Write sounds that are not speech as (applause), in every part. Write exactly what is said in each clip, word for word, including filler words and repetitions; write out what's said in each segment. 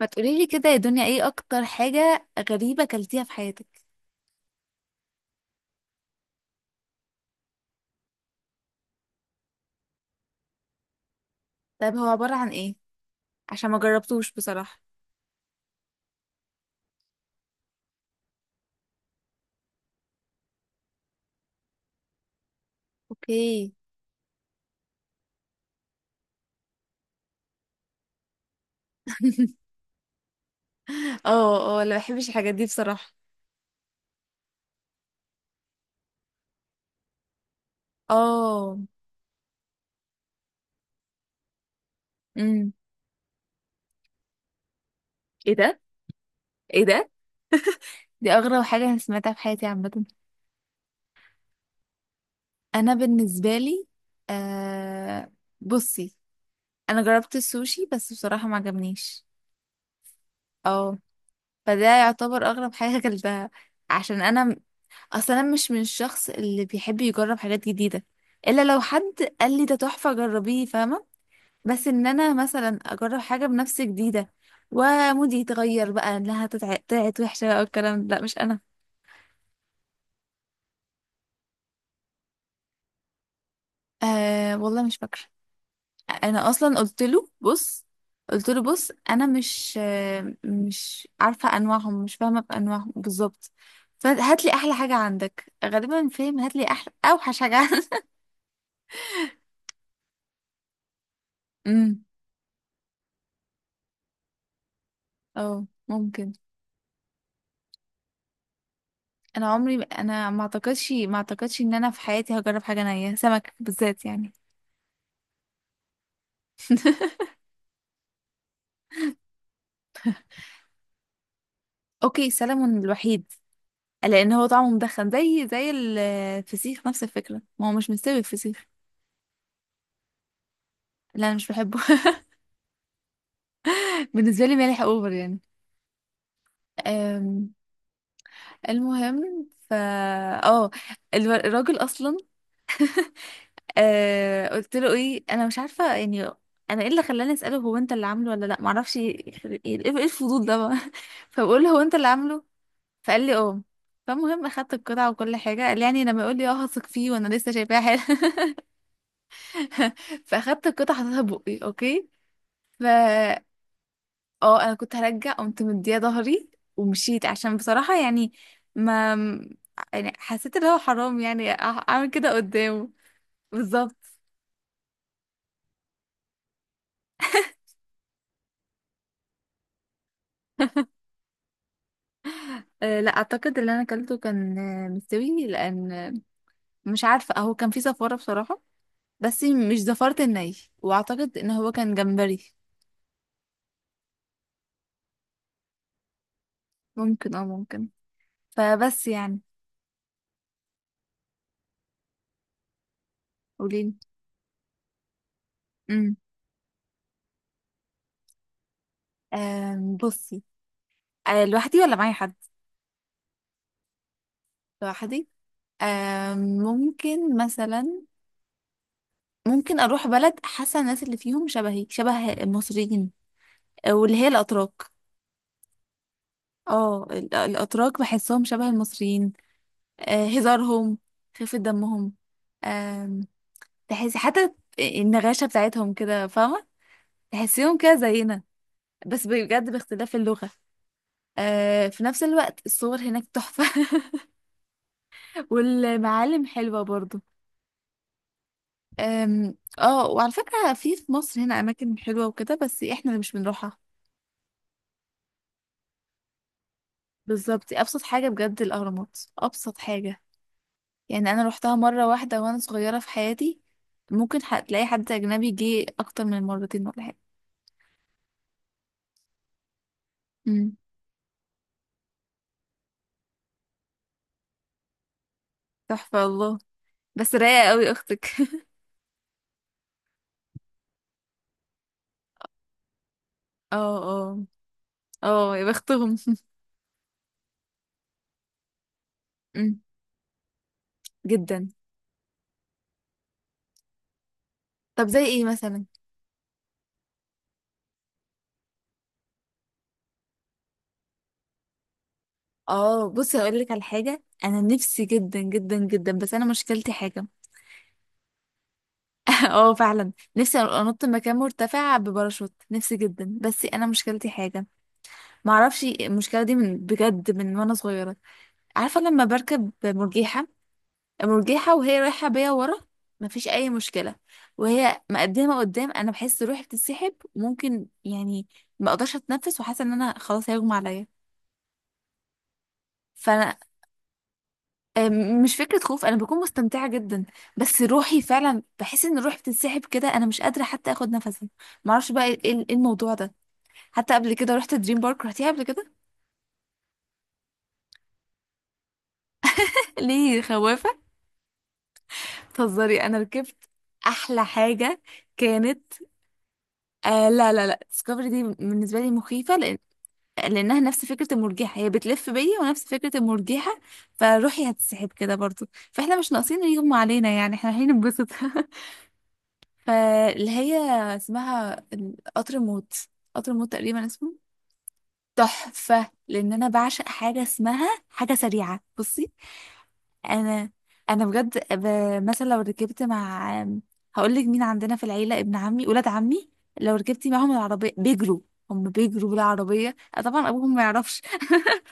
ما تقولي لي كده يا دنيا، ايه اكتر حاجة غريبة اكلتيها في حياتك؟ طيب هو عبارة عن ايه؟ عشان ما جربتوش بصراحة. اوكي. (laughs) اه، اه، لا بحبش الحاجات دي بصراحة. اه. امم. ايه ده، ايه ده، دي اغرب حاجة انا سمعتها في حياتي عامة. انا بالنسبة لي، آه، بصي، انا جربت السوشي بس بصراحة ما عجبنيش. اه. فده يعتبر اغرب حاجة اكلتها عشان انا، اصل انا مش من الشخص اللي بيحب يجرب حاجات جديده الا لو حد قال لي ده تحفه جربيه، فاهمه؟ بس ان انا مثلا اجرب حاجه بنفسي جديده ومودي يتغير بقى لا، هتتع- طلعت وحشه بقى، والكلام ده لا مش انا. آه، والله مش فاكره. انا اصلا قلت له بص، قلت له بص انا مش آه مش عارفه انواعهم، مش فاهمه بانواعهم بالظبط. فهات لي احلى حاجه عندك، غالبا فاهم، هات لي احلى اوحش حاجه عندك. (laughs) امم. اه، ممكن. انا عمري انا ما اعتقدش ما اعتقدش ان انا في حياتي هجرب حاجه نيه، سمك بالذات يعني. (laughs) اوكي، سلمون الوحيد. لان هو طعمه مدخن زي زي الفسيخ، نفس الفكره، ما هو مش مستوي الفسيخ. لا انا مش بحبه. (laughs) بالنسبه لي مالح اوفر يعني. أم، المهم ف اه الو- الراجل اصلا. أه، قلت له ايه، انا مش عارفه يعني. انا ايه اللي خلاني اساله، هو انت اللي عامله ولا لا، معرفش ايه. إيه، إيه الفضول ده بقى؟ (laughs) فبقول له هو انت اللي عامله؟ فقال لي اه. فالمهم اخدت القطعه وكل حاجه. قال لي يعني لما يقول لي اه هثق فيه، وانا لسه شايفاها حلو. (laughs) فاخدت القطعه حطيتها بقي. اوكي. ف اه انا كنت هرجع، قمت مديه ظهري ومشيت، عشان بصراحه يعني ما، يعني حسيت ان هو حرام يعني أع- اعمل كده قدامه. بالظبط. أه لا، اعتقد اللي انا اكلته كان آه، مستوي، لان آه، مش عارفه، هو كان فيه زفاره بصراحه، بس مش زفاره الني، واعتقد ان هو كان جمبري. ممكن اه ممكن. فبس يعني. قوليلي. امم. آم، بصي. آه، لوحدي ولا معايا حد؟ لوحدي. آم، ممكن مثلا، ممكن اروح بلد، حاسه الناس اللي فيهم شبهي شبه المصريين، آه، واللي هي الاتراك. اه، ال- الاتراك بحسهم شبه المصريين. آه، هزارهم، خفه دمهم. آم، تحسي حتى النغاشه بتاعتهم كده، فاهمه؟ تحسيهم كده زينا، بس بجد باختلاف اللغه. آه، في نفس الوقت الصور هناك تحفه. (laughs) والمعالم حلوه برضو. أم، اه، وعلى فكرة في في مصر هنا أماكن حلوة وكده بس احنا اللي مش بنروحها. بالظبط، أبسط حاجة بجد الأهرامات، أبسط حاجة. يعني أنا روحتها مرة واحدة وأنا صغيرة في حياتي. ممكن ح- تلاقي حد أجنبي جه أكتر من مرتين ولا حاجة. أمم. تحفة، الله. بس رايقة قوي أختك. (laughs) اه، اه، اه، يا بختهم. أمم. جدا. طب زي ايه مثلا؟ اه، بصي هقول لك على حاجة، أنا نفسي جدا جدا جدا بس أنا مشكلتي حاجة. (laughs) اه، فعلا نفسي انط من مكان مرتفع بباراشوت، نفسي جدا بس انا مشكلتي حاجه. ما اعرفش المشكله دي من بجد، من وانا صغيره. عارفه لما بركب مرجيحه؟ مرجيحه وهي رايحه بيا ورا مفيش اي مشكله، وهي مقدمه قدام انا بحس روحي بتتسحب، وممكن يعني ما اقدرش اتنفس، وحاسه ان انا خلاص هيغمى عليا. فانا أم- مش فكره خوف، انا بكون مستمتعه جدا بس روحي فعلا بحس ان روحي بتتسحب كده، انا مش قادره حتى اخد نفسي. معرفش بقى ايه، إيه الموضوع ده. حتى قبل كده رحت دريم بارك، رحتيها قبل كده؟ ليه خوافة؟ تهزري؟ انا ركبت احلى حاجة كانت، آه لا لا لا، ديسكفري دي بالنسبة لي مخيفة، لأن لانها نفس فكرة المرجحة، هي بتلف بيا ونفس فكرة المرجحة، فروحي هتسحب كده برضو، فاحنا مش ناقصين يغمى علينا، يعني احنا رايحين ننبسط. (laughs) فاللي هي اسمها قطر الموت، قطر الموت تقريبا اسمه. تحفة، لأن أنا بعشق حاجة اسمها حاجة سريعة. بصي، انا انا بجد ب... مثلا لو ركبت مع، هقول لك مين عندنا في العيله، ابن عمي ولاد عمي، لو ركبتي معاهم العربيه بيجروا. هم بيجروا بالعربيه، أه طبعا ابوهم ما يعرفش. (laughs)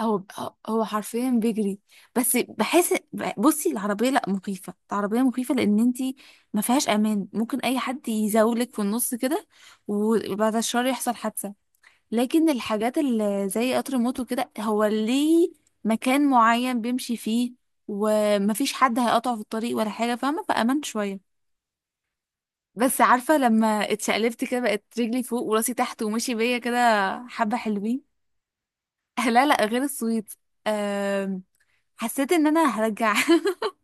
هو، هو حرفيا بيجري، بس بحس، بصي العربيه لا مخيفه، العربيه مخيفه لان انتي ما فيهاش امان، ممكن اي حد يزاولك في النص كده، وبعد الشر يحصل حادثه. لكن الحاجات اللي زي قطر الموت وكده هو ليه مكان معين بيمشي فيه، ومفيش حد هيقطعه في الطريق ولا حاجة، فاهمة؟ فأمنت شوية. بس عارفة لما اتشقلبت كده، بقت رجلي فوق وراسي تحت، ومشي بيا كده، حبة حلوين. (laughs) لا لا، غير الصويت. أم، حسيت ان انا هرجع. (laughs)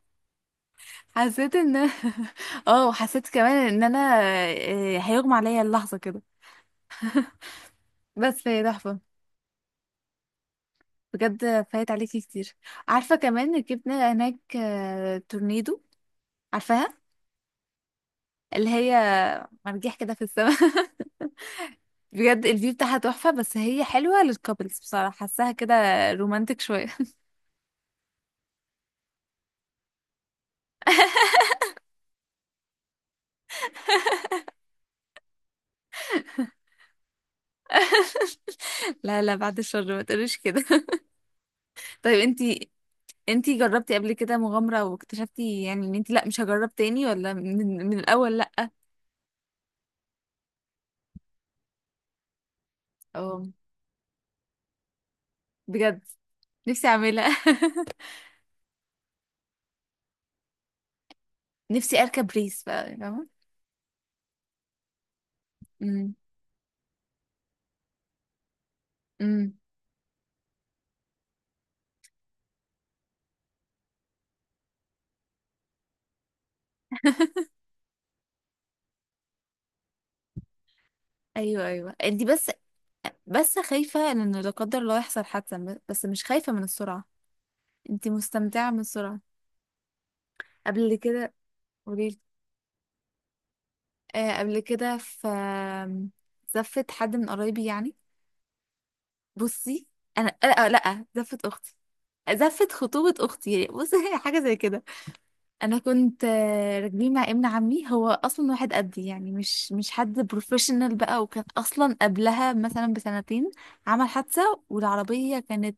حسيت ان أنا- (laughs) اه، حسيت كمان ان انا آه، هيغمى عليا اللحظة كده، بس هي تحفة. بجد فايت عليكي كتير. عارفة كمان ركبنا هناك آه، تورنيدو، عارفاها؟ اللي هي مرجيح كده في السماء. (laughs) بجد الفيو بتاعها تحفة، بس هي حلوة للكابلز بصراحة حاساها كده، رومانتك شوية. (laughs) لا لا، بعد الشر ما تقوليش كده. (laughs) طيب انتي، انتي جربتي قبل كده مغامرة واكتشفتي يعني ان انتي لا مش هجرب تاني، ولا من, من الاول لا؟ اه، بجد نفسي اعملها. (laughs) نفسي اركب ريس بقى، فاهمة؟ امم. امم. (laughs) ايوه، ايوه، انتي بس، بس خايفة ان لا قدر الله يحصل حادثة، ب- بس مش خايفة من السرعة. انتي مستمتعة من السرعة. قبل كده. قوليلي. آه قبل كده في زفت حد من قرايبي يعني. بصي انا، آه آه، لا زفت اختي، زفت خطوبة اختي يعني بصي. (laughs) حاجة زي كده. انا كنت آه، راكبين مع ابن عمي، هو اصلا واحد قدي يعني مش مش حد بروفيشنال بقى، وكان اصلا قبلها مثلا بسنتين عمل حادثة، والعربية كانت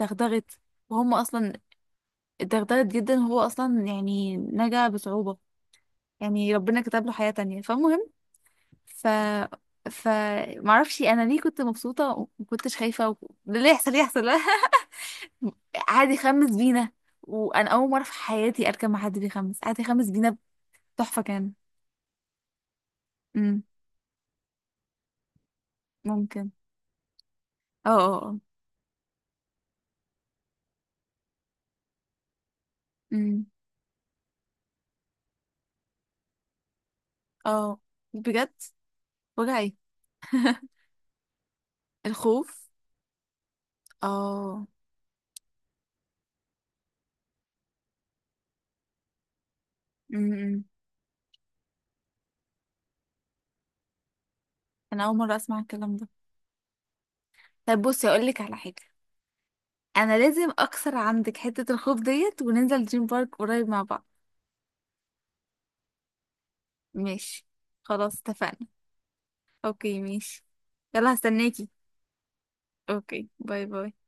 دغدغت، وهم اصلا اتدغدغت جدا، هو اصلا يعني نجا بصعوبة، يعني ربنا كتب له حياة تانية. فالمهم، ف ف معرفش انا ليه كنت مبسوطة ومكنتش خايفة، و... اللي يحصل يحصل. (laughs) قعد يخمس بينا، وانا اول مرة في حياتي اركب مع حد بيخمس، قعد يخمس بينا. تحفة كان. امم. ممكن. اه، اه، اه. امم. اه، بجد. وجعي. (laughs) الخوف. اه. امم. انا اول مرة اسمع الكلام ده. طيب بصي اقول لك على حاجة، انا لازم اكسر عندك حتة الخوف ديت، وننزل دريم بارك قريب مع بعض. ماشي، خلاص اتفقنا. اوكي ماشي. يلا هستناكي. اوكي، باي باي.